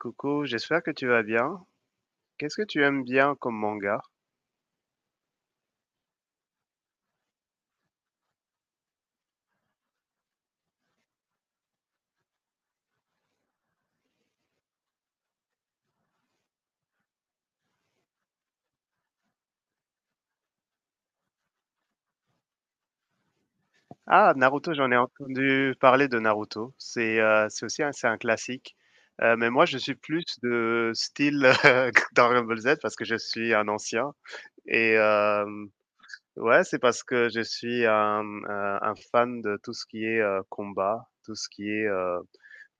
Coucou, j'espère que tu vas bien. Qu'est-ce que tu aimes bien comme manga? Ah, Naruto, j'en ai entendu parler de Naruto. C'est aussi un, c'est un classique. Mais moi, je suis plus de style Dragon Ball Z parce que je suis un ancien. Et ouais, c'est parce que je suis un, un fan de tout ce qui est combat, tout ce qui est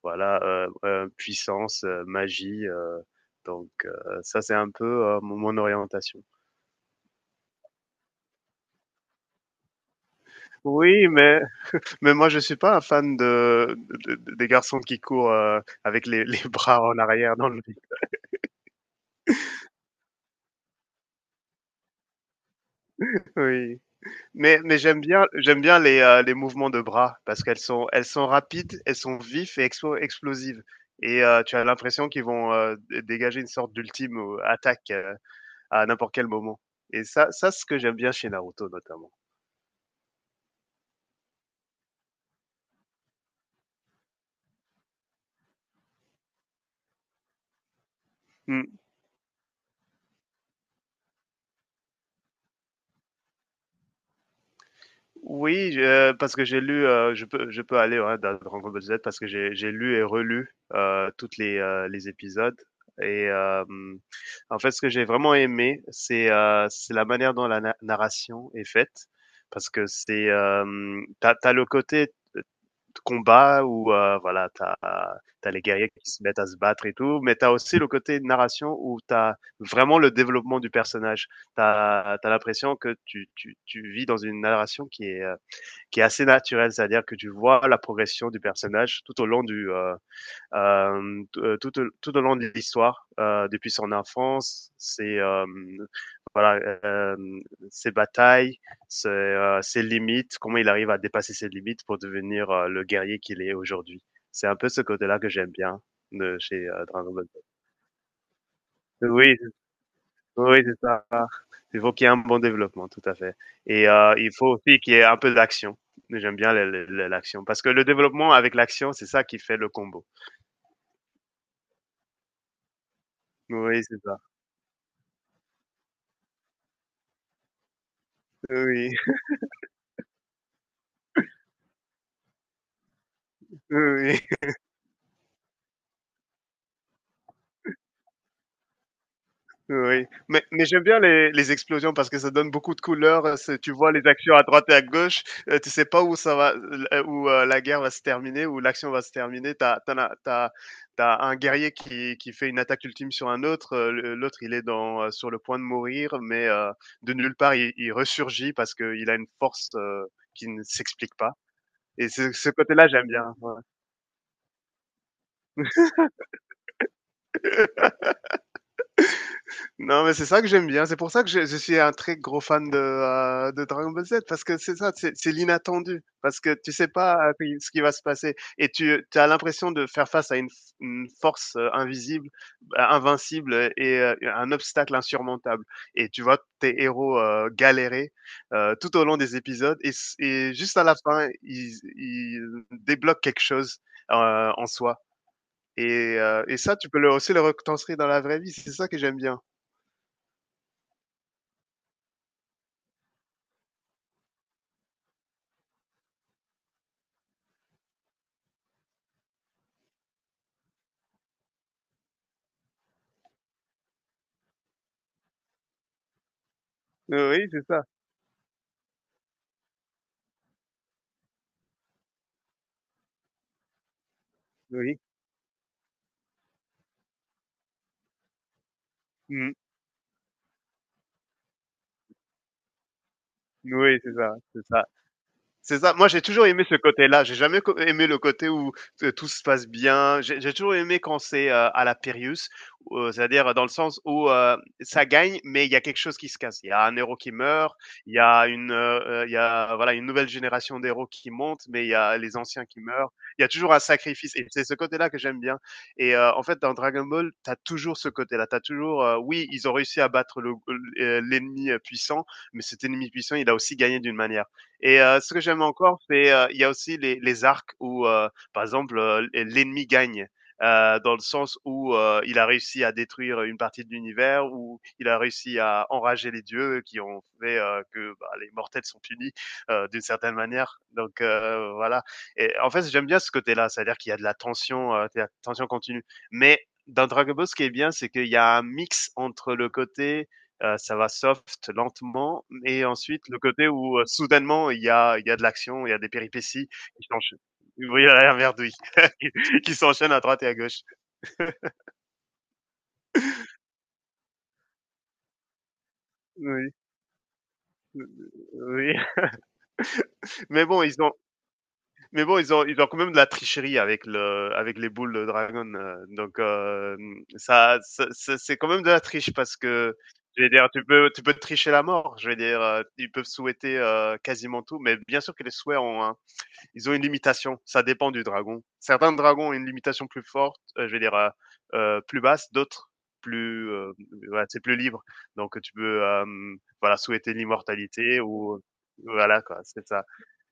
voilà puissance, magie. Donc ça, c'est un peu mon orientation. Oui, mais moi, je suis pas un fan de de des garçons qui courent, avec les bras en arrière dans le oui. Mais j'aime bien les mouvements de bras parce qu'elles sont elles sont rapides, elles sont vives et expo explosives et tu as l'impression qu'ils vont, dé dégager une sorte d'ultime, attaque, à n'importe quel moment et ça, c'est ce que j'aime bien chez Naruto notamment. Mmh. Oui, je parce que j'ai lu, je peux aller, ouais, dans Dragon Ball Z parce que j'ai lu et relu, toutes les épisodes et en fait, ce que j'ai vraiment aimé, c'est la manière dont la na narration est faite parce que c'est, tu as le côté, heu, combat où, voilà, t'as as les guerriers qui se mettent à se battre et tout, mais t'as aussi le côté narration où t'as vraiment le développement du personnage. T'as l'impression que tu vis dans une narration qui est assez naturel, c'est-à-dire que tu vois la progression du personnage tout au long du tout, tout au long de l'histoire depuis son enfance, ses voilà euh, ses batailles, ses, ses, limites, comment il arrive à dépasser ses limites pour devenir le guerrier qu'il est aujourd'hui. C'est un peu ce côté-là que j'aime bien de chez Dragon Ball. Oui, oui, c'est ça. Il faut qu'il y ait un bon développement, tout à fait. Et il faut aussi qu'il y ait un peu d'action. J'aime bien l'action parce que le développement avec l'action, c'est ça qui fait le combo. Oui, c'est ça. Oui, oui. Oui, mais j'aime bien les explosions parce que ça donne beaucoup de couleurs, c'est tu vois les actions à droite et à gauche, tu sais pas où ça va, l où, la guerre va se terminer, où l'action va se terminer. T'as as tu as un guerrier qui fait une attaque ultime sur un autre, le l'autre il est dans, sur le point de mourir, mais, de nulle part il ressurgit parce qu'il a une force, qui ne s'explique pas et ce côté-là j'aime bien. Ouais. Non, mais c'est ça que j'aime bien. C'est pour ça que je suis un très gros fan de Dragon Ball Z parce que c'est ça, c'est l'inattendu. Parce que tu sais pas, qui ce qui va se passer et tu as l'impression de faire face à une force, invisible, bah, invincible, et un obstacle insurmontable et tu vois tes héros, galérer, tout au long des épisodes et juste à la fin, ils débloquent quelque chose, heu, en soi et ça, tu peux le aussi le retranscrire dans la vraie vie. C'est ça que j'aime bien. Oui, c'est ça. Oui. Mmh. Oui, c'est ça, c'est ça. C'est ça. Moi, j'ai toujours aimé ce côté-là. J'ai jamais co aimé le côté où t tout se passe bien. J'ai toujours aimé quand c'est, à la Périus, c'est-à-dire dans le sens où, ça gagne, mais il y a quelque chose qui se casse. Il y a un héros qui meurt, il y a il y a, voilà, une nouvelle génération d'héros qui monte, mais il y a les anciens qui meurent. Il y a toujours un sacrifice et c'est ce côté-là que j'aime bien et en fait, dans Dragon Ball, t'as toujours ce côté-là. T'as toujours, oui, ils ont réussi à battre l'ennemi puissant, mais cet ennemi puissant, il a aussi gagné d'une manière. Et ce que j'aime encore, c'est, il y a aussi les arcs où, par exemple, l'ennemi gagne, dans le sens où, il a réussi à détruire une partie de l'univers, où il a réussi à enrager les dieux qui ont fait, que, bah, les mortels sont punis, d'une certaine manière. Donc voilà et en fait, j'aime bien ce côté-là, c'est-à-dire qu'il y a de la tension continue. Mais dans Dragon Ball, ce qui est bien, c'est qu'il y a un mix entre le côté, ça va soft, lentement, et ensuite le côté où soudainement il y a de l'action, il y a des péripéties qui s'enchaînent. Oui, la merde, oui. qui s'enchaînent à droite et à gauche. Oui, oui. Mais bon, mais bon, ils ont quand même de la tricherie avec avec les boules de dragon. Donc ça, c'est quand même de la triche parce que je vais dire, tu peux tricher la mort. Je vais dire, ils peuvent souhaiter quasiment tout, mais bien sûr que les souhaits ont ils ont une limitation. Ça dépend du dragon. Certains dragons ont une limitation plus forte, je vais dire plus basse, d'autres plus, voilà, c'est plus libre. Donc tu peux, voilà, souhaiter l'immortalité ou voilà quoi, c'est ça.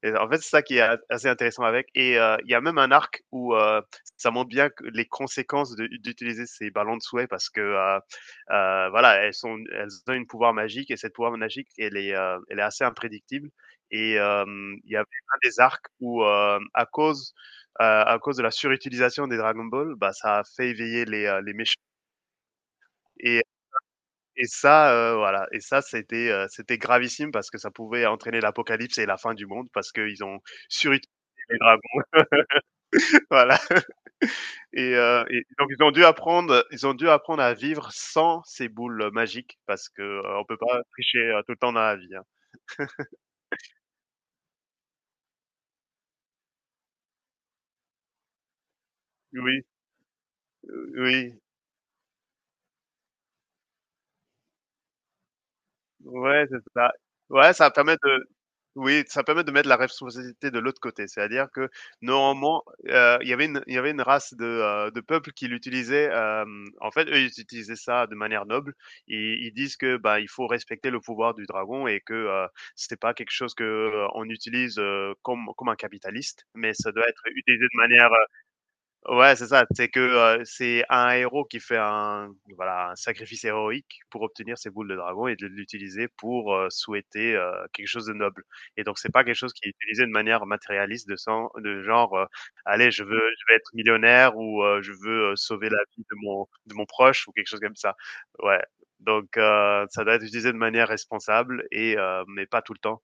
Et en fait, c'est ça qui est assez intéressant avec. Et il y a même un arc où ça montre bien que les conséquences d'utiliser ces ballons de souhait parce que voilà, elles ont une pouvoir magique et cette pouvoir magique, elle est assez imprédictible. Et il y avait un des arcs où à cause de la surutilisation des Dragon Ball, bah ça a fait éveiller les méchants. Et et ça, voilà. Et ça, c'était c'était gravissime parce que ça pouvait entraîner l'apocalypse et la fin du monde parce qu'ils ont surutilisé les Dragon. Voilà et donc ils ont dû apprendre à vivre sans ces boules magiques parce que, on peut pas tricher, tout le temps dans la vie, hein. Oui, oui, ouais, c'est ça. Ouais, ça permet de oui, ça permet de mettre la responsabilité de l'autre côté. C'est-à-dire que normalement, il y avait une race de peuples qui l'utilisaient, en fait, eux, ils utilisaient ça de manière noble. Ils disent que, bah, il faut respecter le pouvoir du dragon et que, c'était pas quelque chose que, on utilise, comme un capitaliste, mais ça doit être utilisé de manière, ouais, c'est ça. C'est que, c'est un héros qui fait un voilà, un sacrifice héroïque pour obtenir ses boules de dragon et de l'utiliser pour, souhaiter, quelque chose de noble et donc c'est pas quelque chose qui est utilisé de manière matérialiste de sang de genre, «Allez, je vais être millionnaire» ou, «Je veux, sauver la vie de mon proche» ou quelque chose comme ça. Ouais, donc ça doit être utilisé de manière responsable et mais pas tout le temps.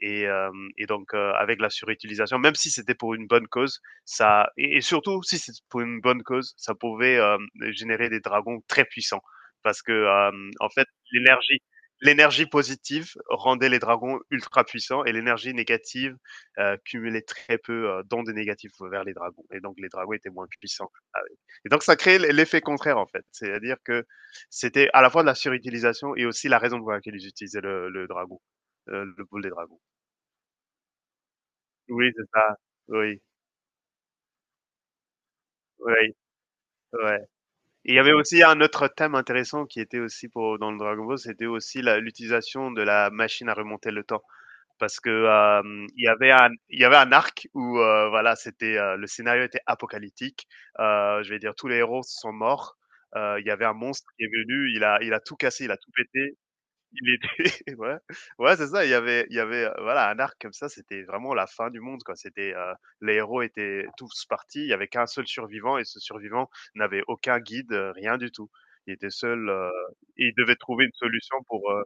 Et, euh, et donc, avec la surutilisation, même si c'était pour une bonne cause, ça et surtout si c'était pour une bonne cause, ça pouvait générer des dragons très puissants parce que en fait, l'énergie positive rendait les dragons ultra puissants et l'énergie négative cumulait très peu d'ondes négatives vers les dragons et donc les dragons étaient moins puissants. Ah oui. Et donc ça créait l'effet contraire en fait, c'est-à-dire que c'était à la fois de la surutilisation et aussi la raison pour laquelle ils utilisaient le dragon, le boule des dragons. Oui, c'est ça. Oui, oui, ouais. Et il y avait aussi un autre thème intéressant qui était aussi pour dans le Dragon Ball, c'était aussi la l'utilisation de la machine à remonter le temps. Parce que, il y avait un arc où, voilà, c'était, le scénario était apocalyptique. Je vais dire tous les héros sont morts. Il y avait un monstre qui est venu, il a tout cassé, il a tout pété. Il était ouais, ouais, c'est ça, il y avait voilà, un arc comme ça, c'était vraiment la fin du monde, quoi. Les héros étaient tous partis, il y avait qu'un seul survivant et ce survivant n'avait aucun guide, rien du tout. Il était seul, et il devait trouver une solution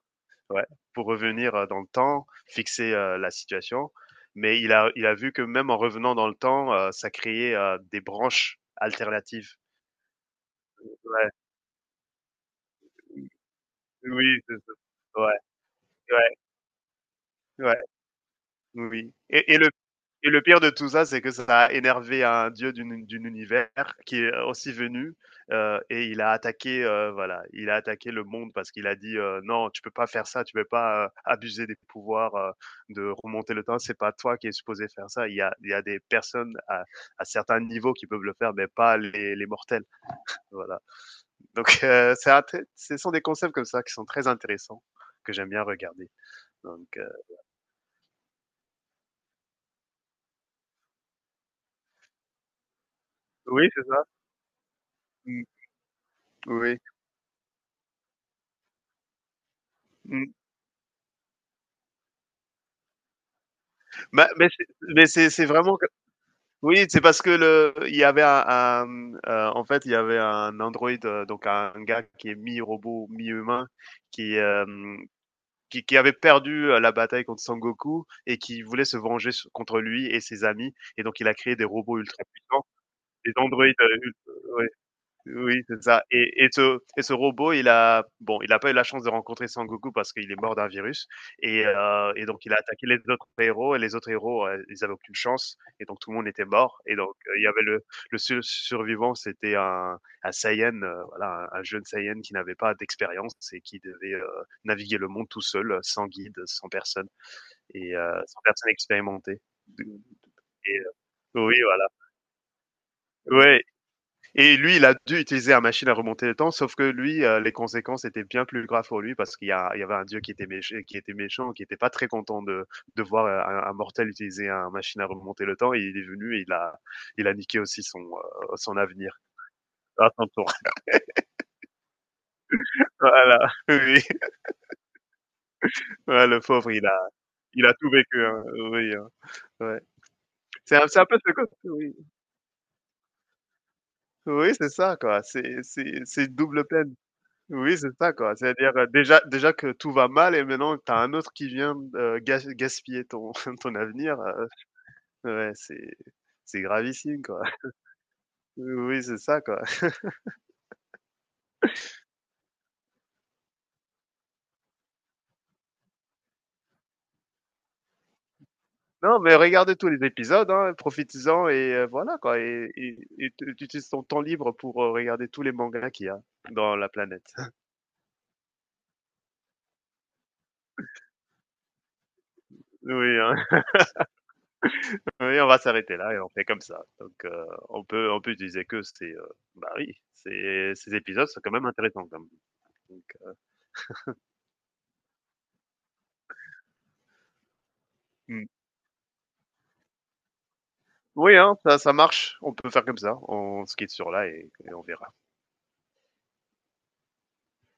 ouais, pour revenir, dans le temps, fixer, la situation. Mais il a vu que même en revenant dans le temps, ça créait, des branches alternatives. Ouais, oui, c'est ça. Ouais, ouais, ouais. Oui et le le pire de tout ça, c'est que ça a énervé un dieu d'une univers qui est aussi venu, et il a attaqué, voilà, il a attaqué le monde parce qu'il a dit, «Non, tu peux pas faire ça, tu peux pas, abuser des pouvoirs, de remonter le temps, c'est pas toi qui es supposé faire ça. Il y a des personnes à certains niveaux qui peuvent le faire, mais pas les mortels». Voilà. Donc c'est un très ce sont des concepts comme ça qui sont très intéressants, que j'aime bien regarder. Donc oui, c'est ça. Mmh, oui. Mmh. Bah, mais c'est vraiment que oui, c'est parce que le il y avait en fait, il y avait un androïde, donc un gars qui est mi-robot, mi-humain, qui, hem, qui avait perdu, la bataille contre Son Goku et qui voulait se venger s contre lui et ses amis et donc il a créé des robots ultra puissants, des androïdes, ult ouais. Oui, c'est ça et et ce robot, il a bon, il n'a pas eu la chance de rencontrer Sangoku parce qu'il est mort d'un virus et donc il a attaqué les autres héros et les autres héros, ils n'avaient aucune chance et donc tout le monde était mort et donc il y avait le seul survivant, c'était un Saiyan, voilà, un jeune Saiyan qui n'avait pas d'expérience et qui devait, naviguer le monde tout seul, sans guide, sans personne et sans personne expérimentée. Et oui, voilà. Ouais et lui, il a dû utiliser la machine à remonter le temps, sauf que lui, les conséquences étaient bien plus graves pour lui parce il y avait un dieu qui était, qui était méchant, qui n'était pas très content de voir un mortel utiliser une machine à remonter le temps. Et il est venu et il a niqué aussi son, son avenir à son tour. Voilà, oui. Ouais, le pauvre, il a tout vécu, hein. Oui, hein. Ouais. C'est un peu ce côté, oui, oui c'est ça, quoi. C'est une double peine. Oui, c'est ça, quoi. C'est-à-dire, déjà que tout va mal et maintenant tu as un autre qui vient, gaspiller ton ton avenir, ouais, c'est gravissime, quoi. Oui, c'est ça, quoi. Non, mais regardez tous les épisodes, hein, profitez-en et voilà, quoi et tu utilises ton temps libre pour, regarder tous les mangas qu'il y a dans la planète. Oui, hein, oui, on va s'arrêter là et on fait comme ça. Donc on peut utiliser que ces, bah, oui, ces épisodes sont quand même intéressants, quand même. Donc mmh. Oui, hein, ça marche. On peut faire comme ça. On se sur là et on verra.